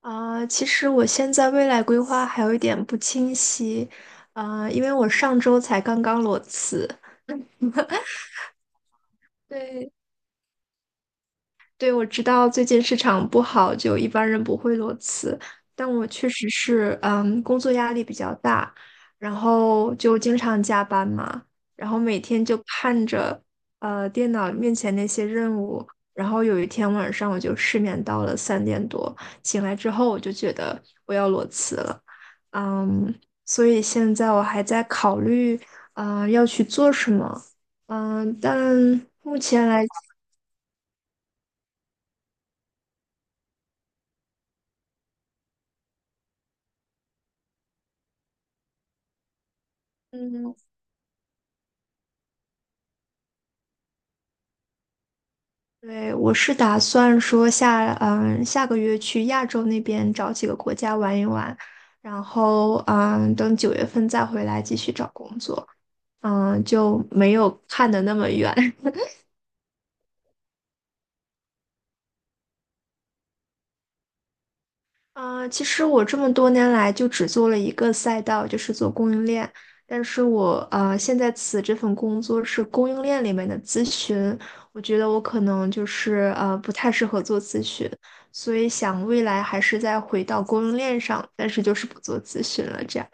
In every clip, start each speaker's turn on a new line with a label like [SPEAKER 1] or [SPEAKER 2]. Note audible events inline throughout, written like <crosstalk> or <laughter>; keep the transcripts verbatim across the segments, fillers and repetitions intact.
[SPEAKER 1] 啊，其实我现在未来规划还有一点不清晰，啊，因为我上周才刚刚裸辞。对，对，我知道最近市场不好，就一般人不会裸辞，但我确实是，嗯，工作压力比较大，然后就经常加班嘛，然后每天就看着，呃，电脑面前那些任务，然后有一天晚上我就失眠到了三点多，醒来之后我就觉得我要裸辞了，嗯，所以现在我还在考虑，呃，要去做什么，嗯，但目前来。嗯，对，我是打算说下，嗯，下个月去亚洲那边找几个国家玩一玩，然后，嗯，等九月份再回来继续找工作，嗯，就没有看的那么远。啊，其实我这么多年来就只做了一个赛道，就是做供应链。但是我啊呃，现在此这份工作是供应链里面的咨询，我觉得我可能就是呃不太适合做咨询，所以想未来还是再回到供应链上，但是就是不做咨询了这样。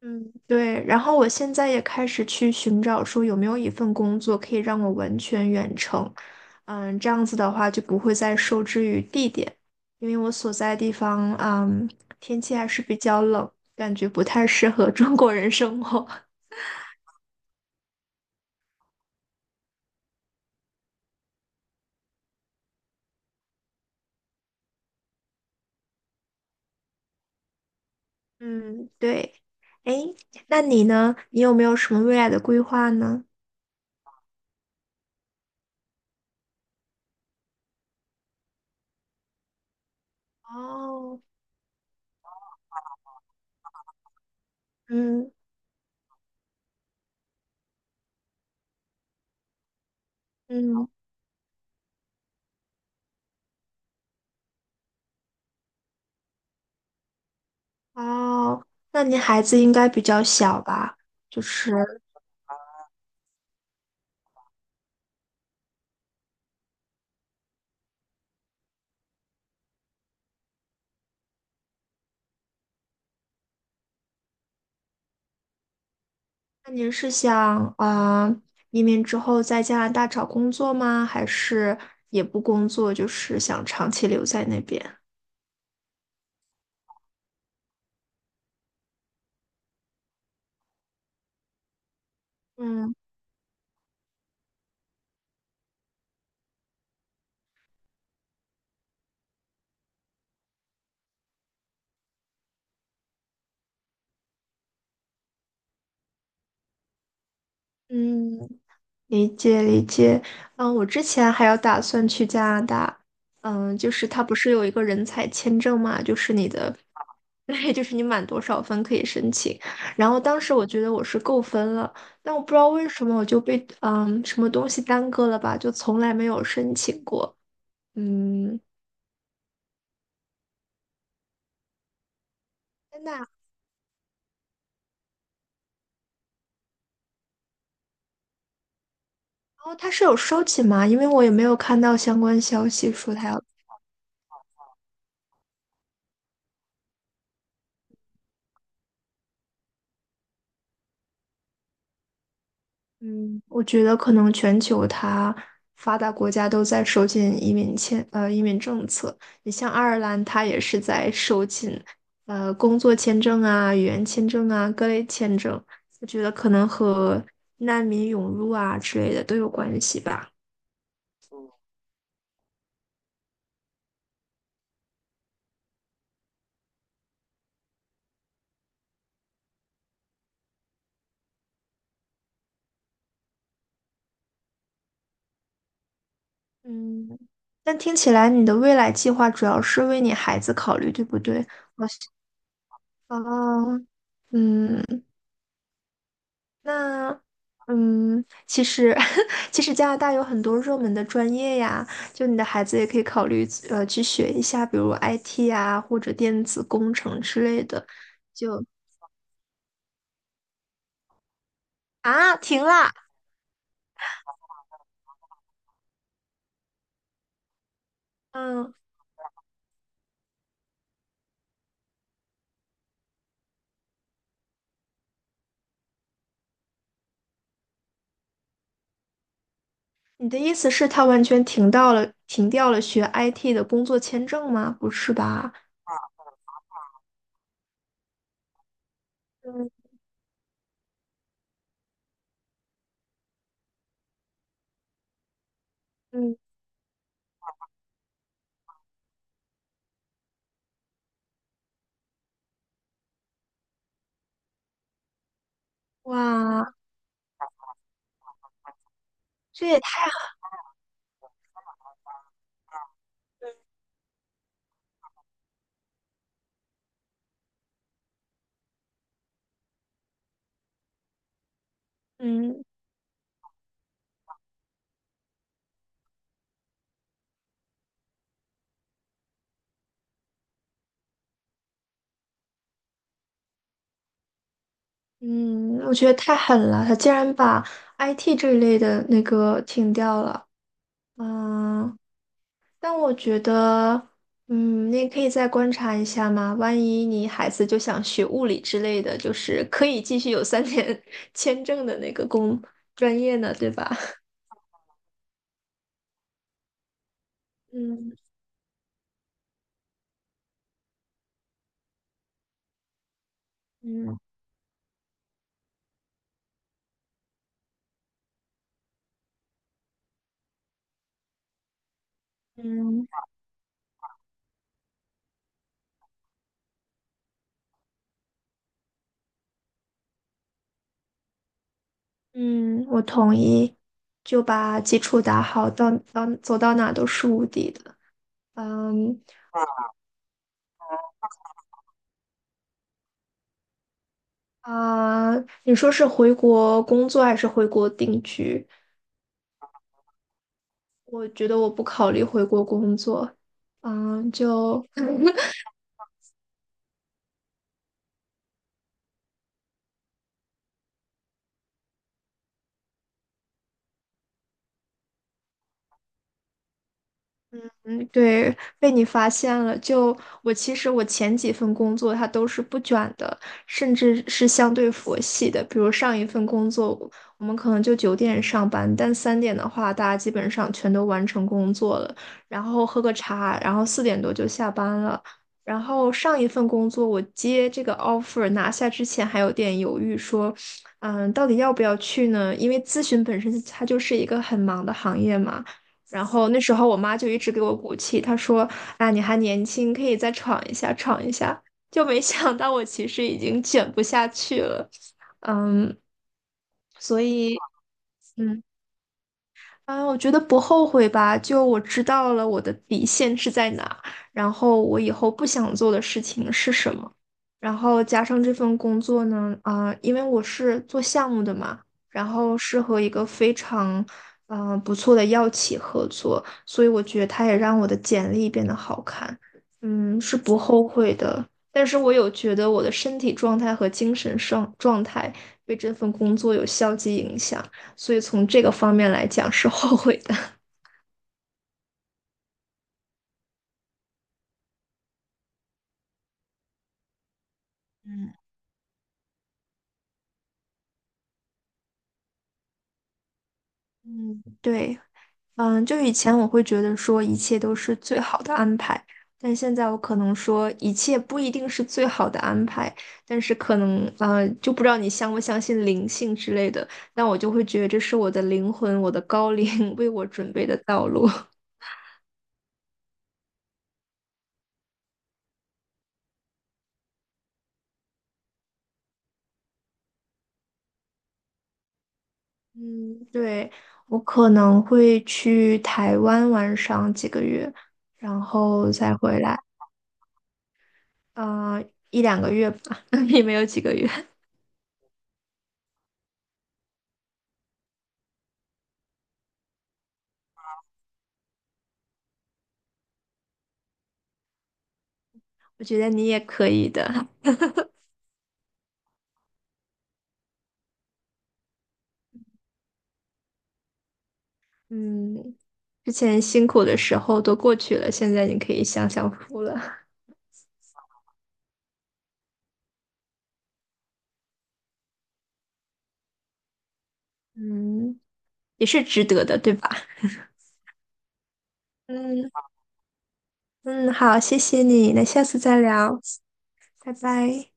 [SPEAKER 1] 嗯，对，然后我现在也开始去寻找，说有没有一份工作可以让我完全远程，嗯，这样子的话就不会再受制于地点，因为我所在地方，嗯，天气还是比较冷，感觉不太适合 <laughs> 中国人生活。<laughs> 嗯，对。哎，那你呢？你有没有什么未来的规划呢？哦，嗯嗯，哦，那你孩子应该比较小吧？就是。那您是想啊、呃移民之后在加拿大找工作吗？还是也不工作，就是想长期留在那边？嗯嗯，理解理解。嗯，我之前还有打算去加拿大，嗯，就是它不是有一个人才签证嘛，就是你的，<laughs> 对就是你满多少分可以申请。然后当时我觉得我是够分了，但我不知道为什么我就被嗯什么东西耽搁了吧，就从来没有申请过。嗯。哦，他是有收紧吗？因为我也没有看到相关消息说他要，嗯，我觉得可能全球它发达国家都在收紧移民签，呃，移民政策。你像爱尔兰，它也是在收紧，呃，工作签证啊、语言签证啊、各类签证。我觉得可能和难民涌入啊之类的都有关系吧。嗯，但听起来你的未来计划主要是为你孩子考虑，对不对？我哦，嗯。那，嗯，其实 <laughs> 其实加拿大有很多热门的专业呀，就你的孩子也可以考虑呃去学一下，比如 I T 啊或者电子工程之类的。就啊，停啦，嗯，你的意思是他完全停到了停掉了学 I T 的工作签证吗？不是吧？嗯嗯，哇，这也太嗯。嗯，我觉得太狠了，他竟然把 I T 这一类的那个停掉了。嗯，但我觉得，嗯，你也可以再观察一下嘛。万一你孩子就想学物理之类的，就是可以继续有三年 <laughs> 签证的那个工专业呢，对吧？嗯嗯嗯嗯，我同意，就把基础打好，到到走到哪都是无敌的。嗯啊，你说是回国工作还是回国定居？我觉得我不考虑回国工作，嗯，就 <laughs>。对，被你发现了。就我其实我前几份工作它都是不卷的，甚至是相对佛系的。比如上一份工作，我们可能就九点上班，但三点的话，大家基本上全都完成工作了，然后喝个茶，然后四点多就下班了。然后上一份工作，我接这个 offer 拿下之前还有点犹豫，说，嗯，到底要不要去呢？因为咨询本身它就是一个很忙的行业嘛。然后那时候我妈就一直给我鼓气，她说：“啊，你还年轻，可以再闯一下，闯一下。”就没想到我其实已经卷不下去了，嗯，所以。嗯。嗯，我觉得不后悔吧，就我知道了我的底线是在哪，然后我以后不想做的事情是什么，然后加上这份工作呢，啊、因为我是做项目的嘛，然后是和一个非常，嗯、不错的药企合作，所以我觉得它也让我的简历变得好看，嗯，是不后悔的，但是我有觉得我的身体状态和精神上状态被这份工作有消极影响。所以从这个方面来讲是后悔的。嗯嗯，对，嗯，就以前我会觉得说一切都是最好的安排，但现在我可能说一切不一定是最好的安排，但是可能呃，就不知道你相不相信灵性之类的，但我就会觉得这是我的灵魂，我的高龄 <laughs> 为我准备的道路。<laughs> 嗯，对，我可能会去台湾玩上几个月，然后再回来。呃，一两个月吧，<laughs> 也没有几个月。<laughs> 我觉得你也可以的。嗯，之前辛苦的时候都过去了，现在你可以享享福了。嗯，也是值得的，对吧？嗯嗯，好，谢谢你，那下次再聊，拜拜。